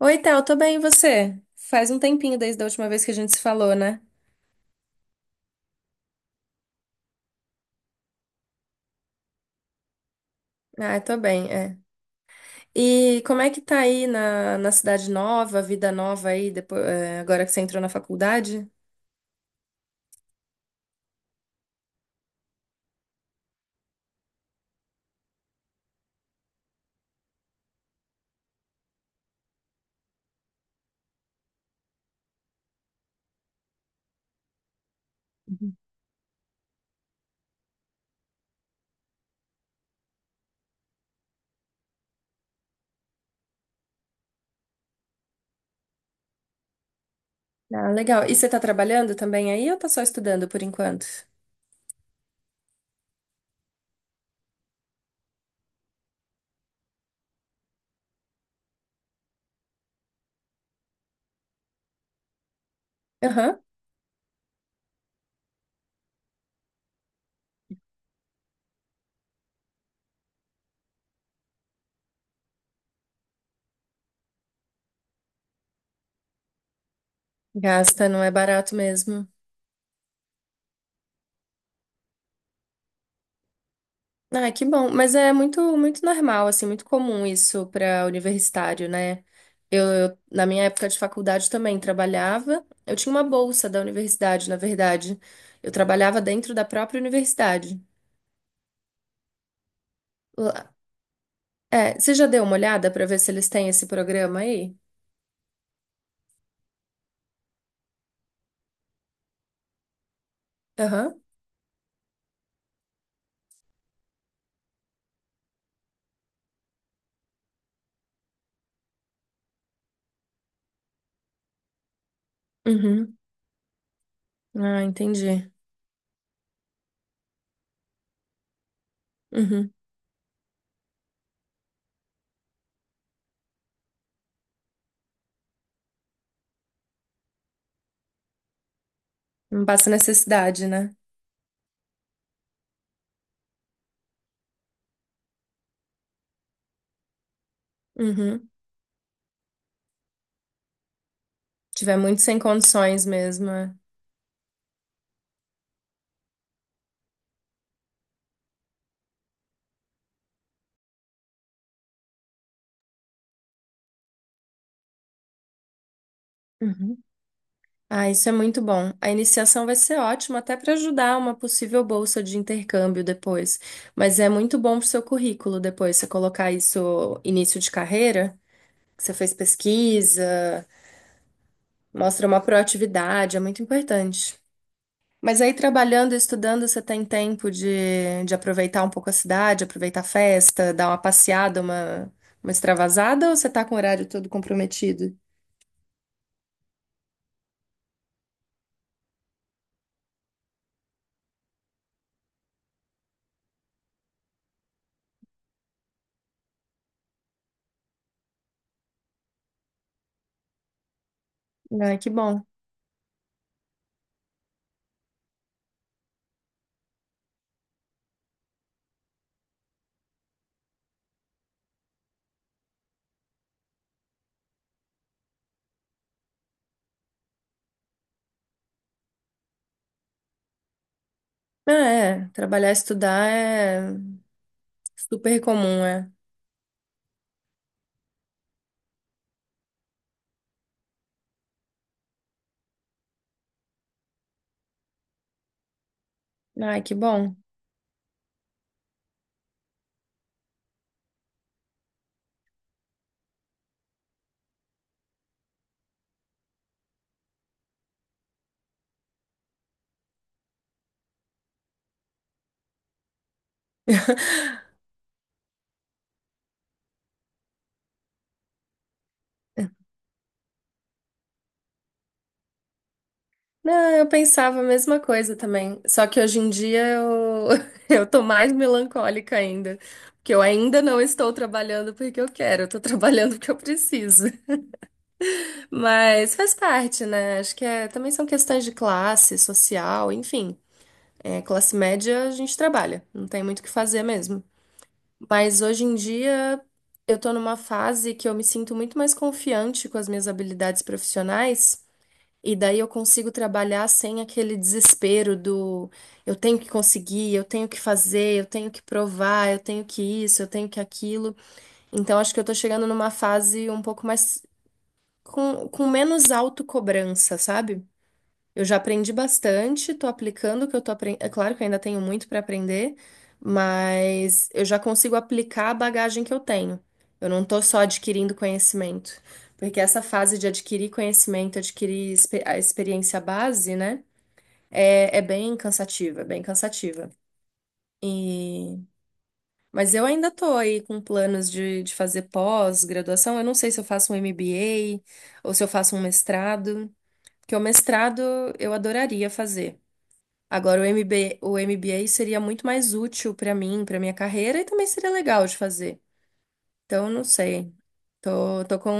Oi, Tal, tô bem, e você? Faz um tempinho desde a última vez que a gente se falou, né? Ah, tô bem, é. E como é que tá aí na cidade nova, vida nova aí, depois, agora que você entrou na faculdade? Ah, legal. E você tá trabalhando também aí ou tá só estudando por enquanto? Aham. Gasta, não é barato mesmo. Ah, que bom. Mas é muito, muito normal, assim, muito comum isso para universitário, né? Na minha época de faculdade também trabalhava. Eu tinha uma bolsa da universidade, na verdade. Eu trabalhava dentro da própria universidade. Lá- É, você já deu uma olhada para ver se eles têm esse programa aí? Aham. Uhum. Ah, entendi. Uhum. Não passa necessidade, né? Uhum. Tiver muito sem condições mesmo. É. Uhum. Ah, isso é muito bom. A iniciação vai ser ótima até para ajudar uma possível bolsa de intercâmbio depois. Mas é muito bom para o seu currículo depois, você colocar isso início de carreira, que você fez pesquisa, mostra uma proatividade, é muito importante. Mas aí trabalhando e estudando, você tem tempo de aproveitar um pouco a cidade, aproveitar a festa, dar uma passeada, uma extravasada, ou você tá com o horário todo comprometido? Ai, que bom. Ah, é, trabalhar e estudar é super comum, é. Ai, que bom. Não, eu pensava a mesma coisa também. Só que hoje em dia eu, eu tô mais melancólica ainda. Porque eu ainda não estou trabalhando porque eu quero, eu tô trabalhando porque eu preciso. Mas faz parte, né? Acho que é, também são questões de classe, social, enfim. É, classe média a gente trabalha, não tem muito o que fazer mesmo. Mas hoje em dia eu tô numa fase que eu me sinto muito mais confiante com as minhas habilidades profissionais, e daí eu consigo trabalhar sem aquele desespero do eu tenho que conseguir, eu tenho que fazer, eu tenho que provar, eu tenho que isso, eu tenho que aquilo. Então acho que eu tô chegando numa fase um pouco mais com menos autocobrança, sabe? Eu já aprendi bastante, tô aplicando o que eu tô aprendendo. É claro que eu ainda tenho muito para aprender, mas eu já consigo aplicar a bagagem que eu tenho. Eu não tô só adquirindo conhecimento, porque essa fase de adquirir conhecimento, adquirir a experiência base, né? É, é bem cansativa, é bem cansativa. E... Mas eu ainda tô aí com planos de fazer pós-graduação. Eu não sei se eu faço um MBA ou se eu faço um mestrado. Porque o mestrado eu adoraria fazer. Agora, o MBA seria muito mais útil para mim, para minha carreira, e também seria legal de fazer. Então, não sei. Tô com,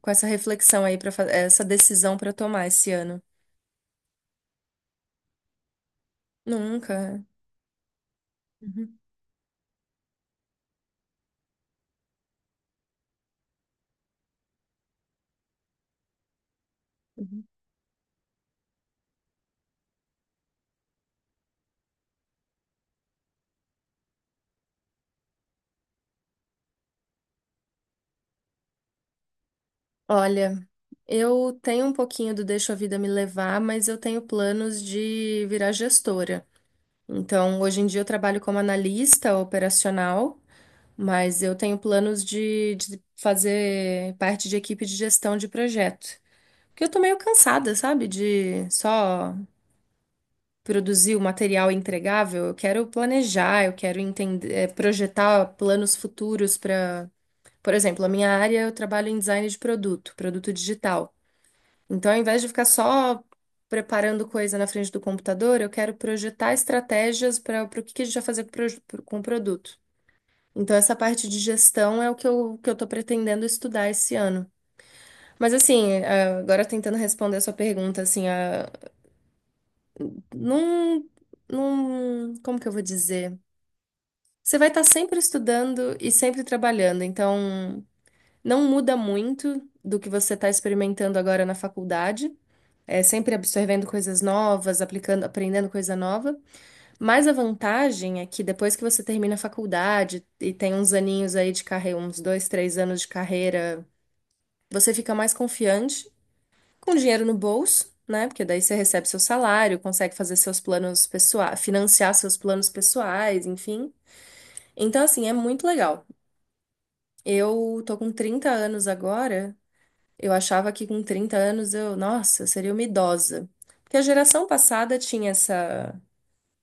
com essa reflexão aí, para essa decisão para tomar esse ano. Nunca. Uhum. Olha, eu tenho um pouquinho do deixo a vida me levar, mas eu tenho planos de virar gestora. Então, hoje em dia eu trabalho como analista operacional. Mas eu tenho planos de fazer parte de equipe de gestão de projeto. Porque eu tô meio cansada, sabe? De só produzir o material entregável. Eu quero planejar, eu quero entender, projetar planos futuros para, por exemplo, a minha área eu trabalho em design de produto, produto digital. Então, ao invés de ficar só preparando coisa na frente do computador, eu quero projetar estratégias para o que que a gente vai fazer com o produto. Então, essa parte de gestão é o que eu tô pretendendo estudar esse ano. Mas, assim, agora tentando responder a sua pergunta, assim, ah, num, como que eu vou dizer? Você vai estar sempre estudando e sempre trabalhando, então não muda muito do que você está experimentando agora na faculdade. É sempre absorvendo coisas novas, aplicando, aprendendo coisa nova. Mas a vantagem é que depois que você termina a faculdade e tem uns aninhos aí de carreira, uns dois, três anos de carreira. Você fica mais confiante, com dinheiro no bolso, né? Porque daí você recebe seu salário, consegue fazer seus planos pessoais, financiar seus planos pessoais, enfim. Então, assim, é muito legal. Eu tô com 30 anos agora. Eu achava que com 30 anos eu, nossa, eu seria uma idosa. Porque a geração passada tinha essa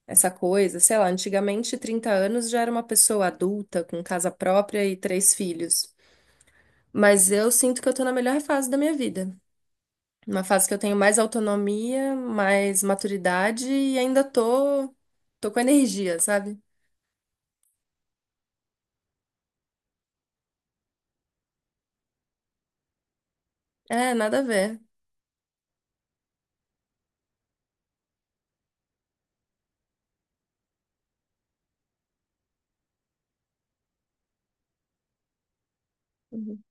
essa coisa, sei lá, antigamente 30 anos já era uma pessoa adulta, com casa própria e três filhos. Mas eu sinto que eu tô na melhor fase da minha vida. Uma fase que eu tenho mais autonomia, mais maturidade e ainda tô com energia, sabe? É, nada a ver. Uhum.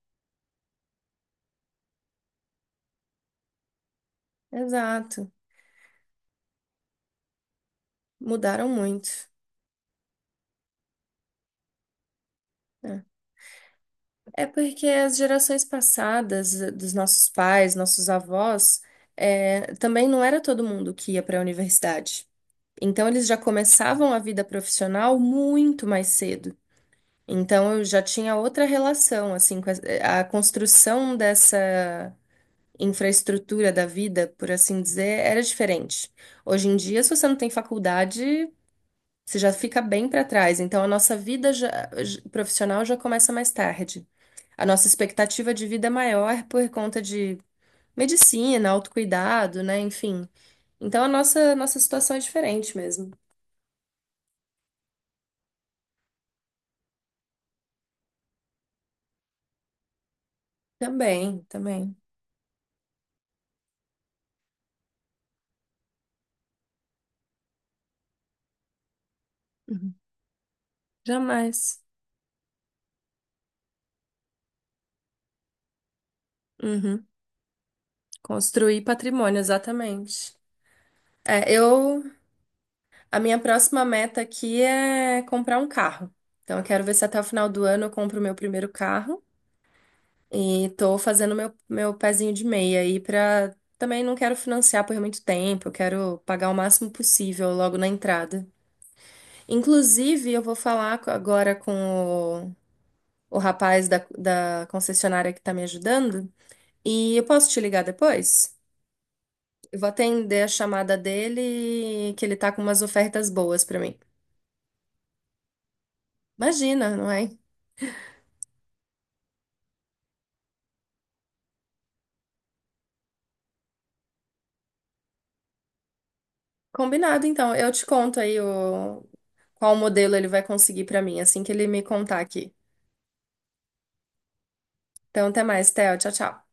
Exato. Mudaram muito. É, é porque as gerações passadas, dos nossos pais, nossos avós, também não era todo mundo que ia para a universidade. Então, eles já começavam a vida profissional muito mais cedo. Então, eu já tinha outra relação, assim, com a construção dessa infraestrutura da vida, por assim dizer, era diferente. Hoje em dia, se você não tem faculdade, você já fica bem para trás. Então, a nossa vida profissional já começa mais tarde. A nossa expectativa de vida é maior por conta de medicina, autocuidado, né? Enfim. Então, a nossa situação é diferente mesmo. Também, também. Uhum. Jamais. Uhum. Construir patrimônio, exatamente. É, eu A minha próxima meta aqui é comprar um carro. Então, eu quero ver se até o final do ano eu compro o meu primeiro carro. E tô fazendo meu pezinho de meia aí pra. Também não quero financiar por muito tempo, eu quero pagar o máximo possível logo na entrada. Inclusive, eu vou falar agora com o, o rapaz da concessionária que tá me ajudando. E eu posso te ligar depois? Eu vou atender a chamada dele, que ele tá com umas ofertas boas pra mim. Imagina, não é? Combinado, então. Eu te conto aí qual modelo ele vai conseguir pra mim, assim que ele me contar aqui. Então, até mais, Theo. Tchau, tchau.